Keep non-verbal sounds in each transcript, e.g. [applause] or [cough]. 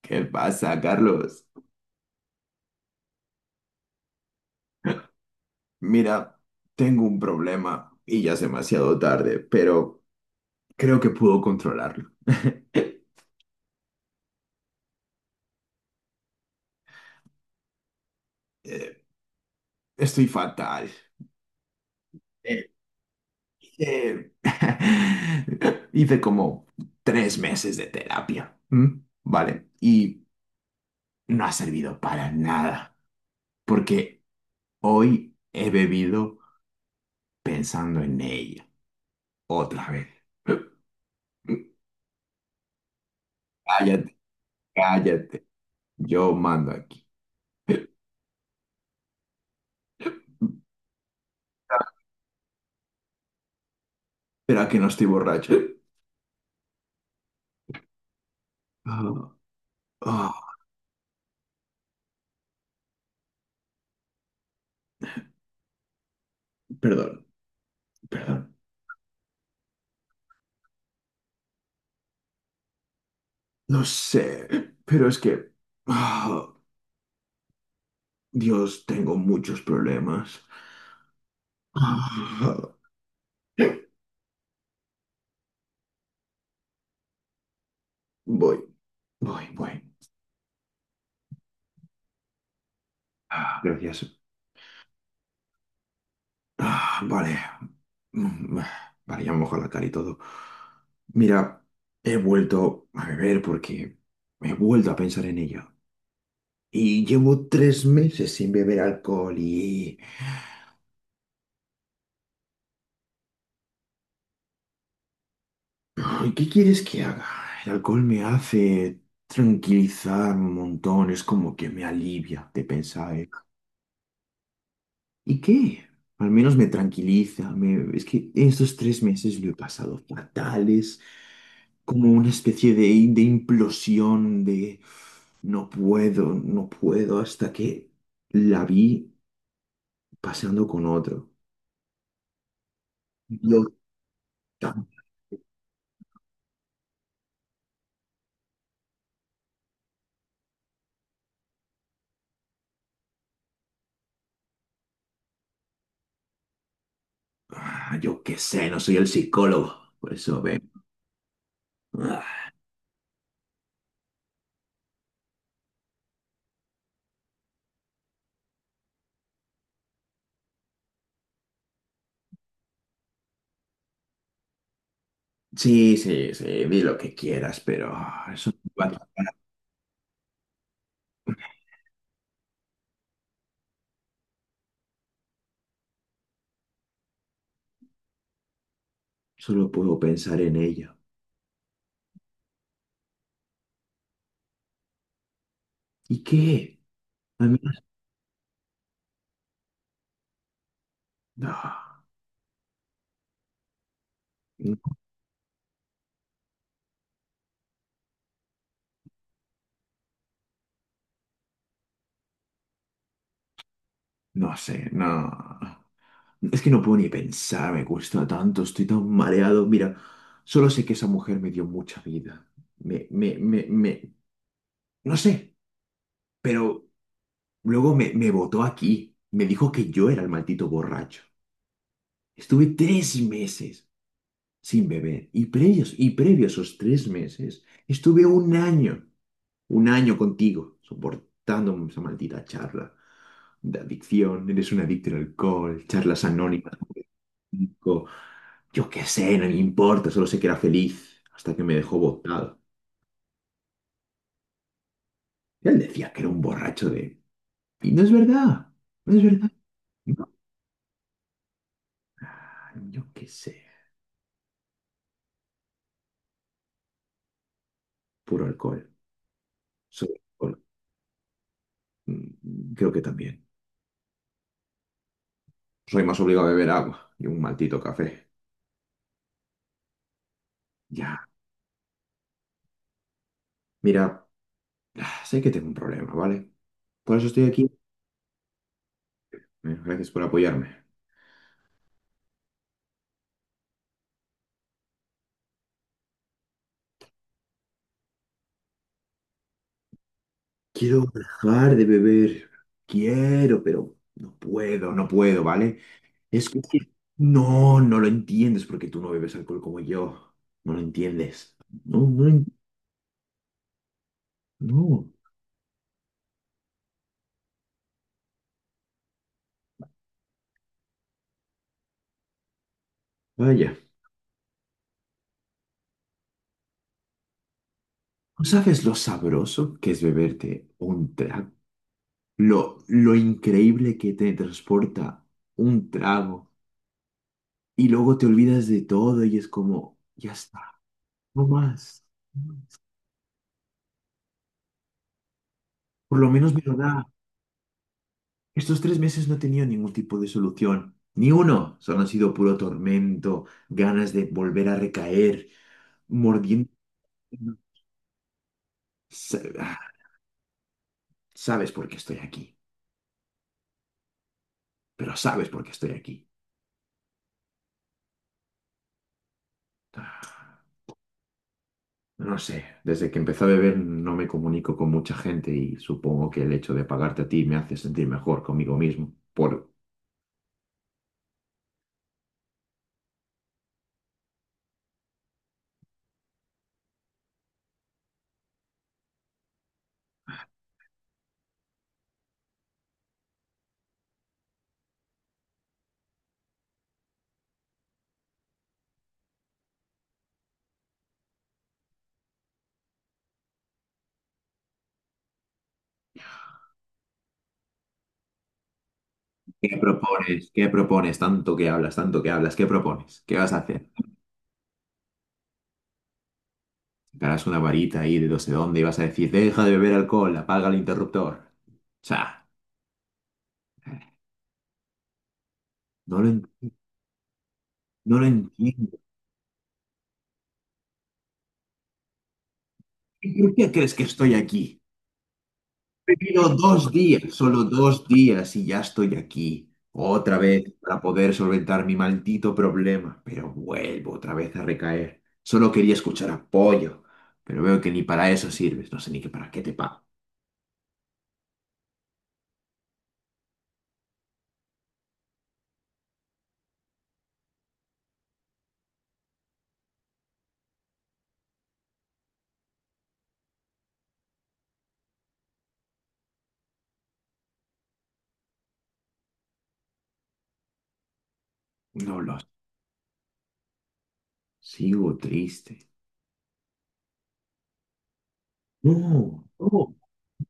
¿Qué pasa, Carlos? Mira, tengo un problema y ya es demasiado tarde, pero creo que puedo controlarlo. [laughs] Eh, Estoy fatal. Eh, eh, [laughs] Hice como 3 meses de terapia, ¿m? ¿Vale? Y no ha servido para nada, porque hoy he bebido pensando en ella, otra vez. [laughs] Cállate, cállate, yo mando aquí. Pero que no estoy borracho. Ah, ah, perdón, perdón. No sé, pero es que... ah, Dios, tengo muchos problemas. Ah, voy, voy, voy. Ah, gracias. Ah, vale. Vale, ya me mojo la cara y todo. Mira, he vuelto a beber porque he vuelto a pensar en ella. Y llevo 3 meses sin beber alcohol. Ay, ¿qué quieres que haga? El alcohol me hace tranquilizar un montón, es como que me alivia de pensar, ¿eh? ¿Y qué? Al menos me tranquiliza. Es que estos 3 meses lo he pasado fatales, como una especie de implosión de no puedo, no puedo, hasta que la vi paseando con otro. Yo, tam- Ah, yo qué sé, no soy el psicólogo, por eso ve. Sí, sí, sí, di lo que quieras, pero eso no va a acabar. Solo puedo pensar en ello. ¿Y qué? Al menos- no, no, no sé, no. Es que no puedo ni pensar, me cuesta tanto, estoy tan mareado. Mira, solo sé que esa mujer me dio mucha vida. Me, no sé, pero luego me botó aquí. Me dijo que yo era el maldito borracho. Estuve 3 meses sin beber. Y previos, y previo a esos 3 meses, estuve un año contigo, soportando esa maldita charla de adicción. Eres un adicto al alcohol, charlas anónimas. Yo qué sé, no me importa, solo sé que era feliz hasta que me dejó botado. Él decía que era un borracho. Y no es verdad, no es verdad. No, yo qué sé, puro alcohol, solo alcohol. Creo que también. Soy más obligado a beber agua y un maldito café. Ya, mira, sé que tengo un problema, ¿vale? Por eso estoy aquí. Gracias por apoyarme. Quiero dejar de beber. Quiero, pero no puedo, no puedo, ¿vale? Es que no, no lo entiendes porque tú no bebes alcohol como yo. No lo entiendes. No, no, no. Vaya. ¿No sabes lo sabroso que es beberte un trago? Lo increíble que te transporta un trago. Y luego te olvidas de todo y es como, ya está, no más. Por lo menos me lo da. Estos tres meses no he tenido ningún tipo de solución. Ni uno. Solo han sido puro tormento, ganas de volver a recaer, mordiendo. Sa- ah, Sabes por qué estoy aquí, pero sabes por qué estoy aquí. Ah, No sé, desde que empecé a beber no me comunico con mucha gente y supongo que el hecho de pagarte a ti me hace sentir mejor conmigo mismo por ¿Qué propones? ¿Qué propones? Tanto que hablas, ¿qué propones? ¿Qué vas a hacer? Sacarás una varita ahí de no sé dónde y vas a decir, deja de beber alcohol, apaga el interruptor. O sea, no lo, en- no lo entiendo. ¿Por qué crees que estoy aquí? He vivido 2 días, solo 2 días y ya estoy aquí. Otra vez para poder solventar mi maldito problema, pero vuelvo otra vez a recaer. Solo quería escuchar apoyo, pero veo que ni para eso sirves. No sé ni que para qué te pago. No lo Sigo triste. No, no,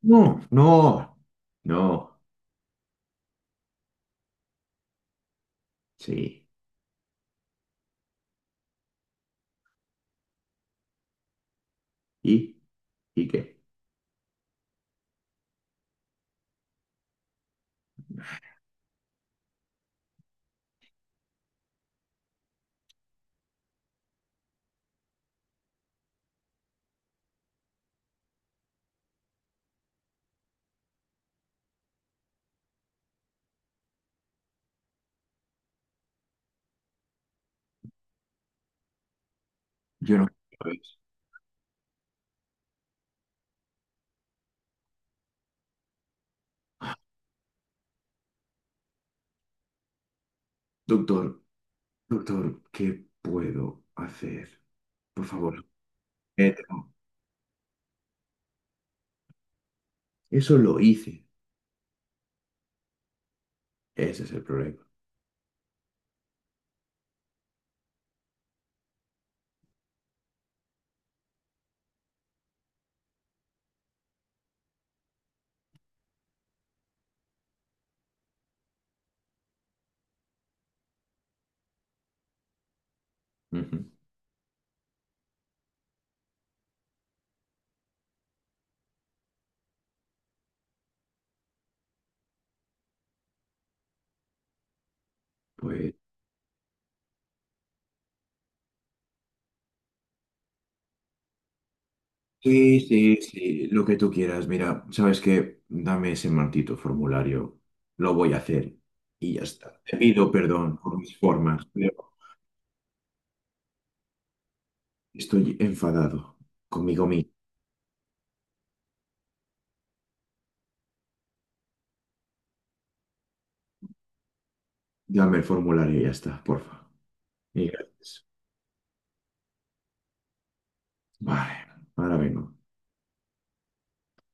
no, no, no. Sí. ¿Y? ¿Y qué? Yo no quiero eso. Doctor, doctor, ¿qué puedo hacer? Por favor, mételo. Eso lo hice. Ese es el problema. Ujú. Pues sí, sí, sí, lo que tú quieras. Mira, ¿sabes qué? Dame ese maldito formulario. Lo voy a hacer. Y ya está. Te pido perdón por mis formas, pero estoy enfadado conmigo mismo. Dame el formulario y ya está, porfa. Y gracias. Vale, ahora vengo.